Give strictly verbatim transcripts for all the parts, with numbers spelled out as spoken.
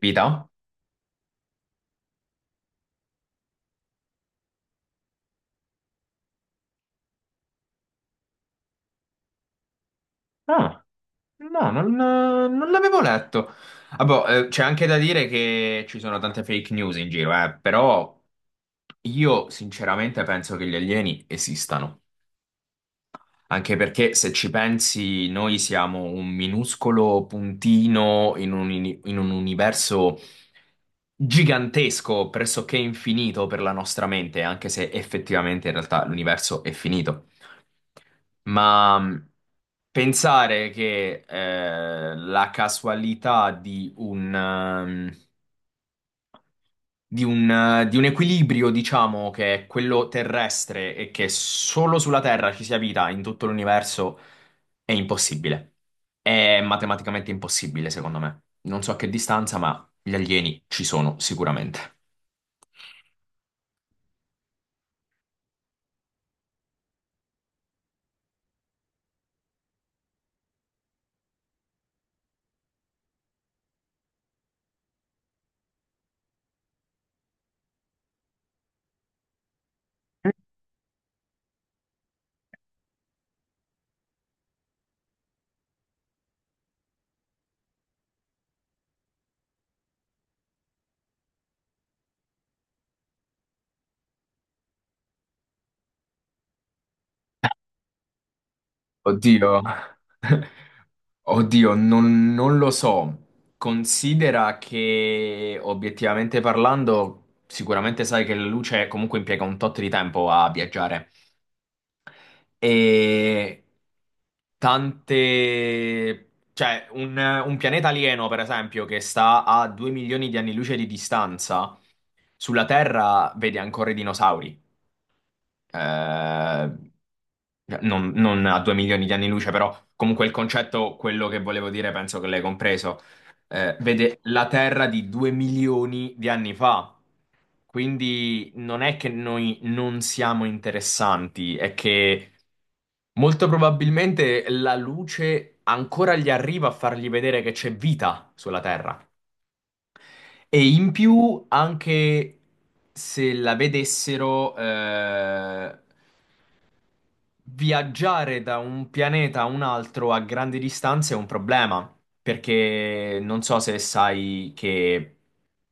Vita? Ah, no, non, non l'avevo letto. Ah, boh, eh, c'è anche da dire che ci sono tante fake news in giro, eh, però io sinceramente penso che gli alieni esistano, anche perché se ci pensi noi siamo un minuscolo puntino in un, uni- in un universo gigantesco, pressoché infinito per la nostra mente, anche se effettivamente in realtà l'universo è finito. Ma mh, pensare che eh, la casualità di un, ehm, di un, eh, di un equilibrio, diciamo, che è quello terrestre e che solo sulla Terra ci sia vita in tutto l'universo è impossibile. È matematicamente impossibile, secondo me. Non so a che distanza, ma gli alieni ci sono sicuramente. Oddio. Oddio, non, non lo so. Considera che obiettivamente parlando, sicuramente sai che la luce comunque impiega un tot di tempo a viaggiare. E tante... cioè, un, un pianeta alieno, per esempio, che sta a due milioni di anni luce di distanza, sulla Terra vede ancora i dinosauri. eh, cioè, non, non a due milioni di anni luce, però comunque il concetto, quello che volevo dire, penso che l'hai compreso, eh, vede la Terra di due milioni di anni fa. Quindi non è che noi non siamo interessanti, è che molto probabilmente la luce ancora gli arriva a fargli vedere che c'è vita sulla Terra. E in più, anche se la vedessero, eh, Viaggiare da un pianeta a un altro a grandi distanze è un problema, perché non so se sai che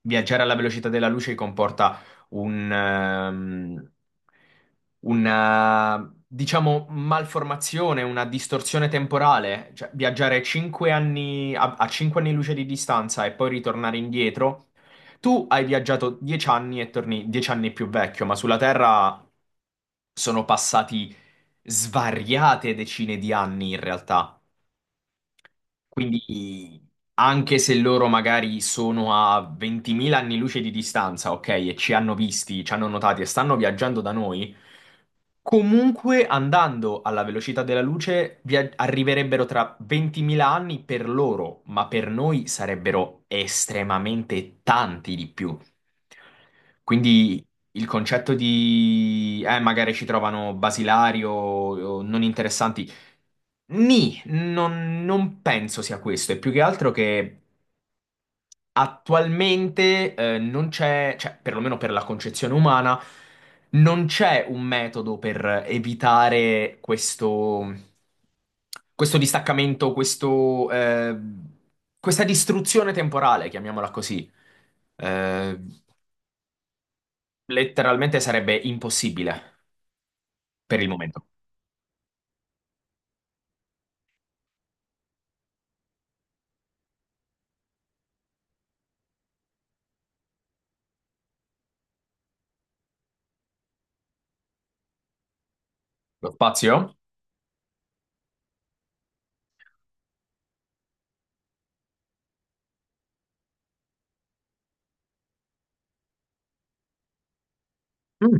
viaggiare alla velocità della luce comporta un, ehm, una, diciamo, malformazione, una distorsione temporale. Cioè, viaggiare cinque anni, a, a cinque anni luce di distanza e poi ritornare indietro. Tu hai viaggiato dieci anni e torni dieci anni più vecchio, ma sulla Terra sono passati svariate decine di anni in realtà. Quindi anche se loro magari sono a ventimila anni luce di distanza, ok, e ci hanno visti, ci hanno notati e stanno viaggiando da noi, comunque andando alla velocità della luce via- arriverebbero tra ventimila anni per loro, ma per noi sarebbero estremamente tanti di più. Quindi il concetto di eh, magari ci trovano basilari o, o non interessanti. Nì, non, non penso sia questo, è più che altro che attualmente eh, non c'è, cioè perlomeno per la concezione umana, non c'è un metodo per evitare questo, questo distaccamento, questo, eh, questa distruzione temporale, chiamiamola così. Eh, Letteralmente sarebbe impossibile per il momento. Lo spazio? Mm.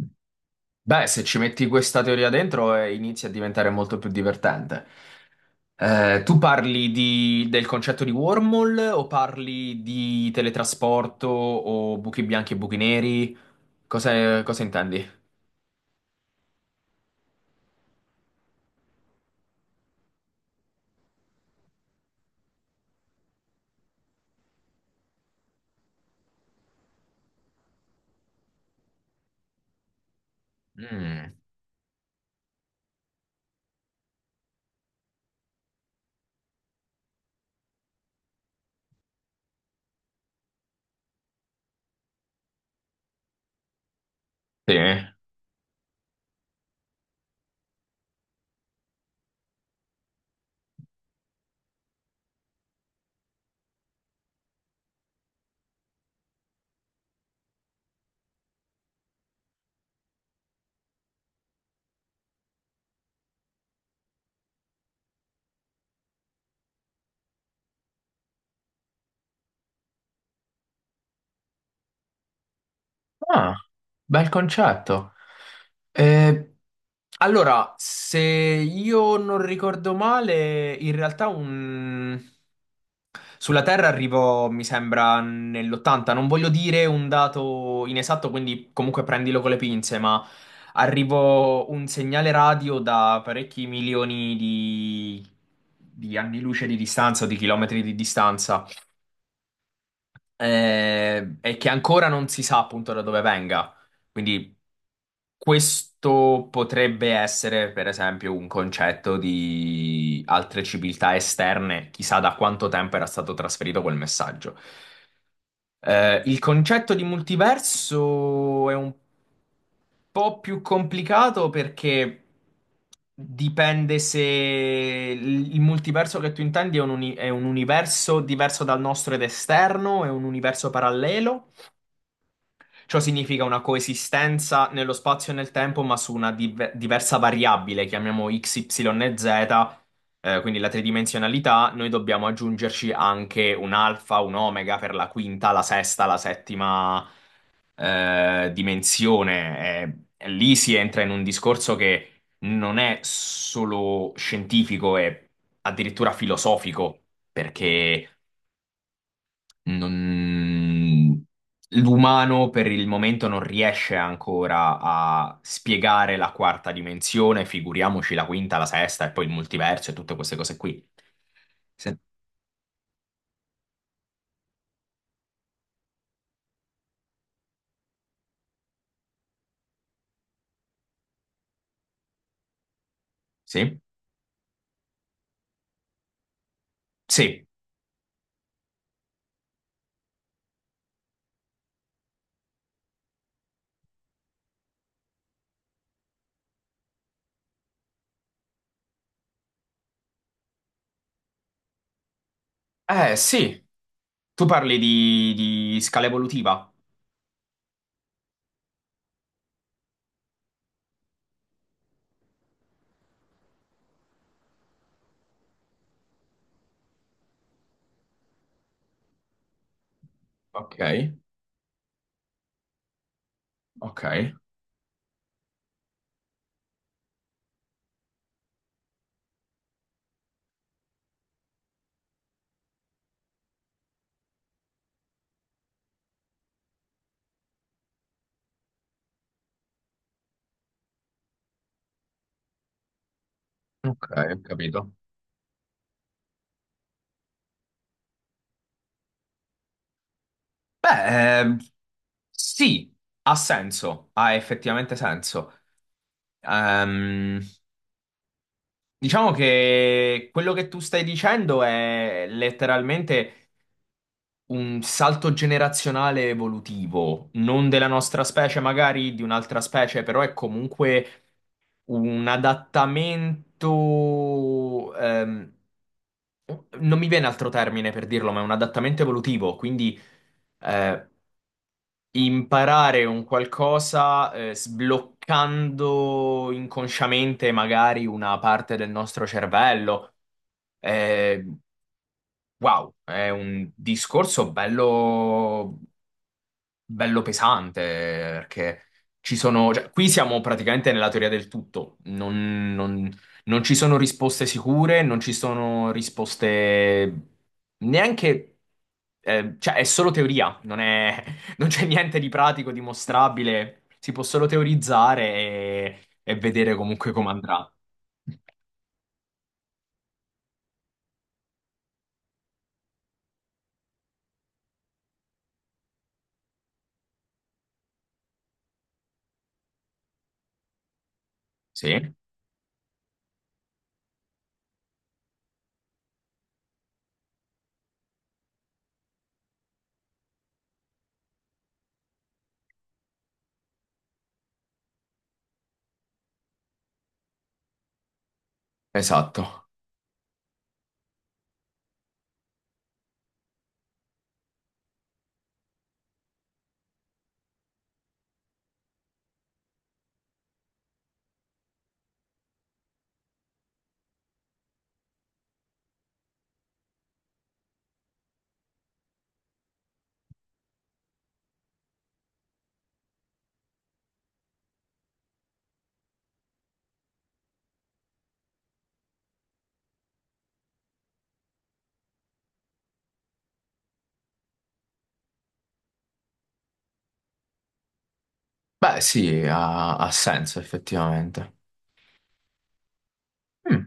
Beh, se ci metti questa teoria dentro, eh, inizia a diventare molto più divertente. Eh, tu parli di- del concetto di wormhole o parli di teletrasporto o buchi bianchi e buchi neri? Cosa, cosa intendi? Mm, sì. Ah, bel concetto. Eh, Allora, se io non ricordo male, in realtà un... sulla Terra arrivo, mi sembra, nell'ottanta. Non voglio dire un dato inesatto, quindi comunque prendilo con le pinze, ma arrivo un segnale radio da parecchi milioni di, di anni luce di distanza o di chilometri di distanza, eh, e che ancora non si sa appunto da dove venga. Quindi questo potrebbe essere, per esempio, un concetto di altre civiltà esterne, chissà da quanto tempo era stato trasferito quel messaggio. Eh, il concetto di multiverso è un po' più complicato perché dipende se il il multiverso che tu intendi è un, uni- è un universo diverso dal nostro ed esterno, è un universo parallelo. Ciò significa una coesistenza nello spazio e nel tempo, ma su una div- diversa variabile, chiamiamo x, y e z, eh, quindi la tridimensionalità, noi dobbiamo aggiungerci anche un alfa, un omega per la quinta, la sesta, la settima, eh, dimensione. E lì si entra in un discorso che non è solo scientifico, è addirittura filosofico, perché non- l'umano per il momento non riesce ancora a spiegare la quarta dimensione, figuriamoci la quinta, la sesta e poi il multiverso e tutte queste cose qui. Sì? Sì? Sì. Eh, sì. Tu parli di, di scala evolutiva? Ok, ok, ok, ho capito. Beh, ehm, sì, ha senso, ha effettivamente senso. Ehm, Diciamo che quello che tu stai dicendo è letteralmente un salto generazionale evolutivo, non della nostra specie, magari di un'altra specie, però è comunque un adattamento, ehm, non mi viene altro termine per dirlo, ma è un adattamento evolutivo, quindi eh, imparare un qualcosa eh, sbloccando inconsciamente magari una parte del nostro cervello. Eh, wow, è un discorso bello, bello pesante, perché ci sono, cioè, qui siamo praticamente nella teoria del tutto, non, non- non ci sono risposte sicure, non ci sono risposte neanche, eh, cioè è solo teoria, non è- non c'è niente di pratico, dimostrabile, si può solo teorizzare e, e vedere comunque come andrà. Sì, esatto. Beh, sì, ha, ha senso effettivamente. Mm.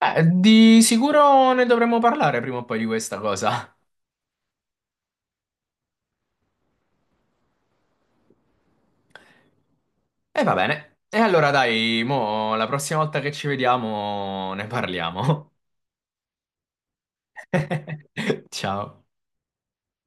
Eh, di sicuro ne dovremmo parlare prima o poi di questa cosa. E va bene. E allora dai, mo, la prossima volta che ci vediamo ne parliamo. Ciao.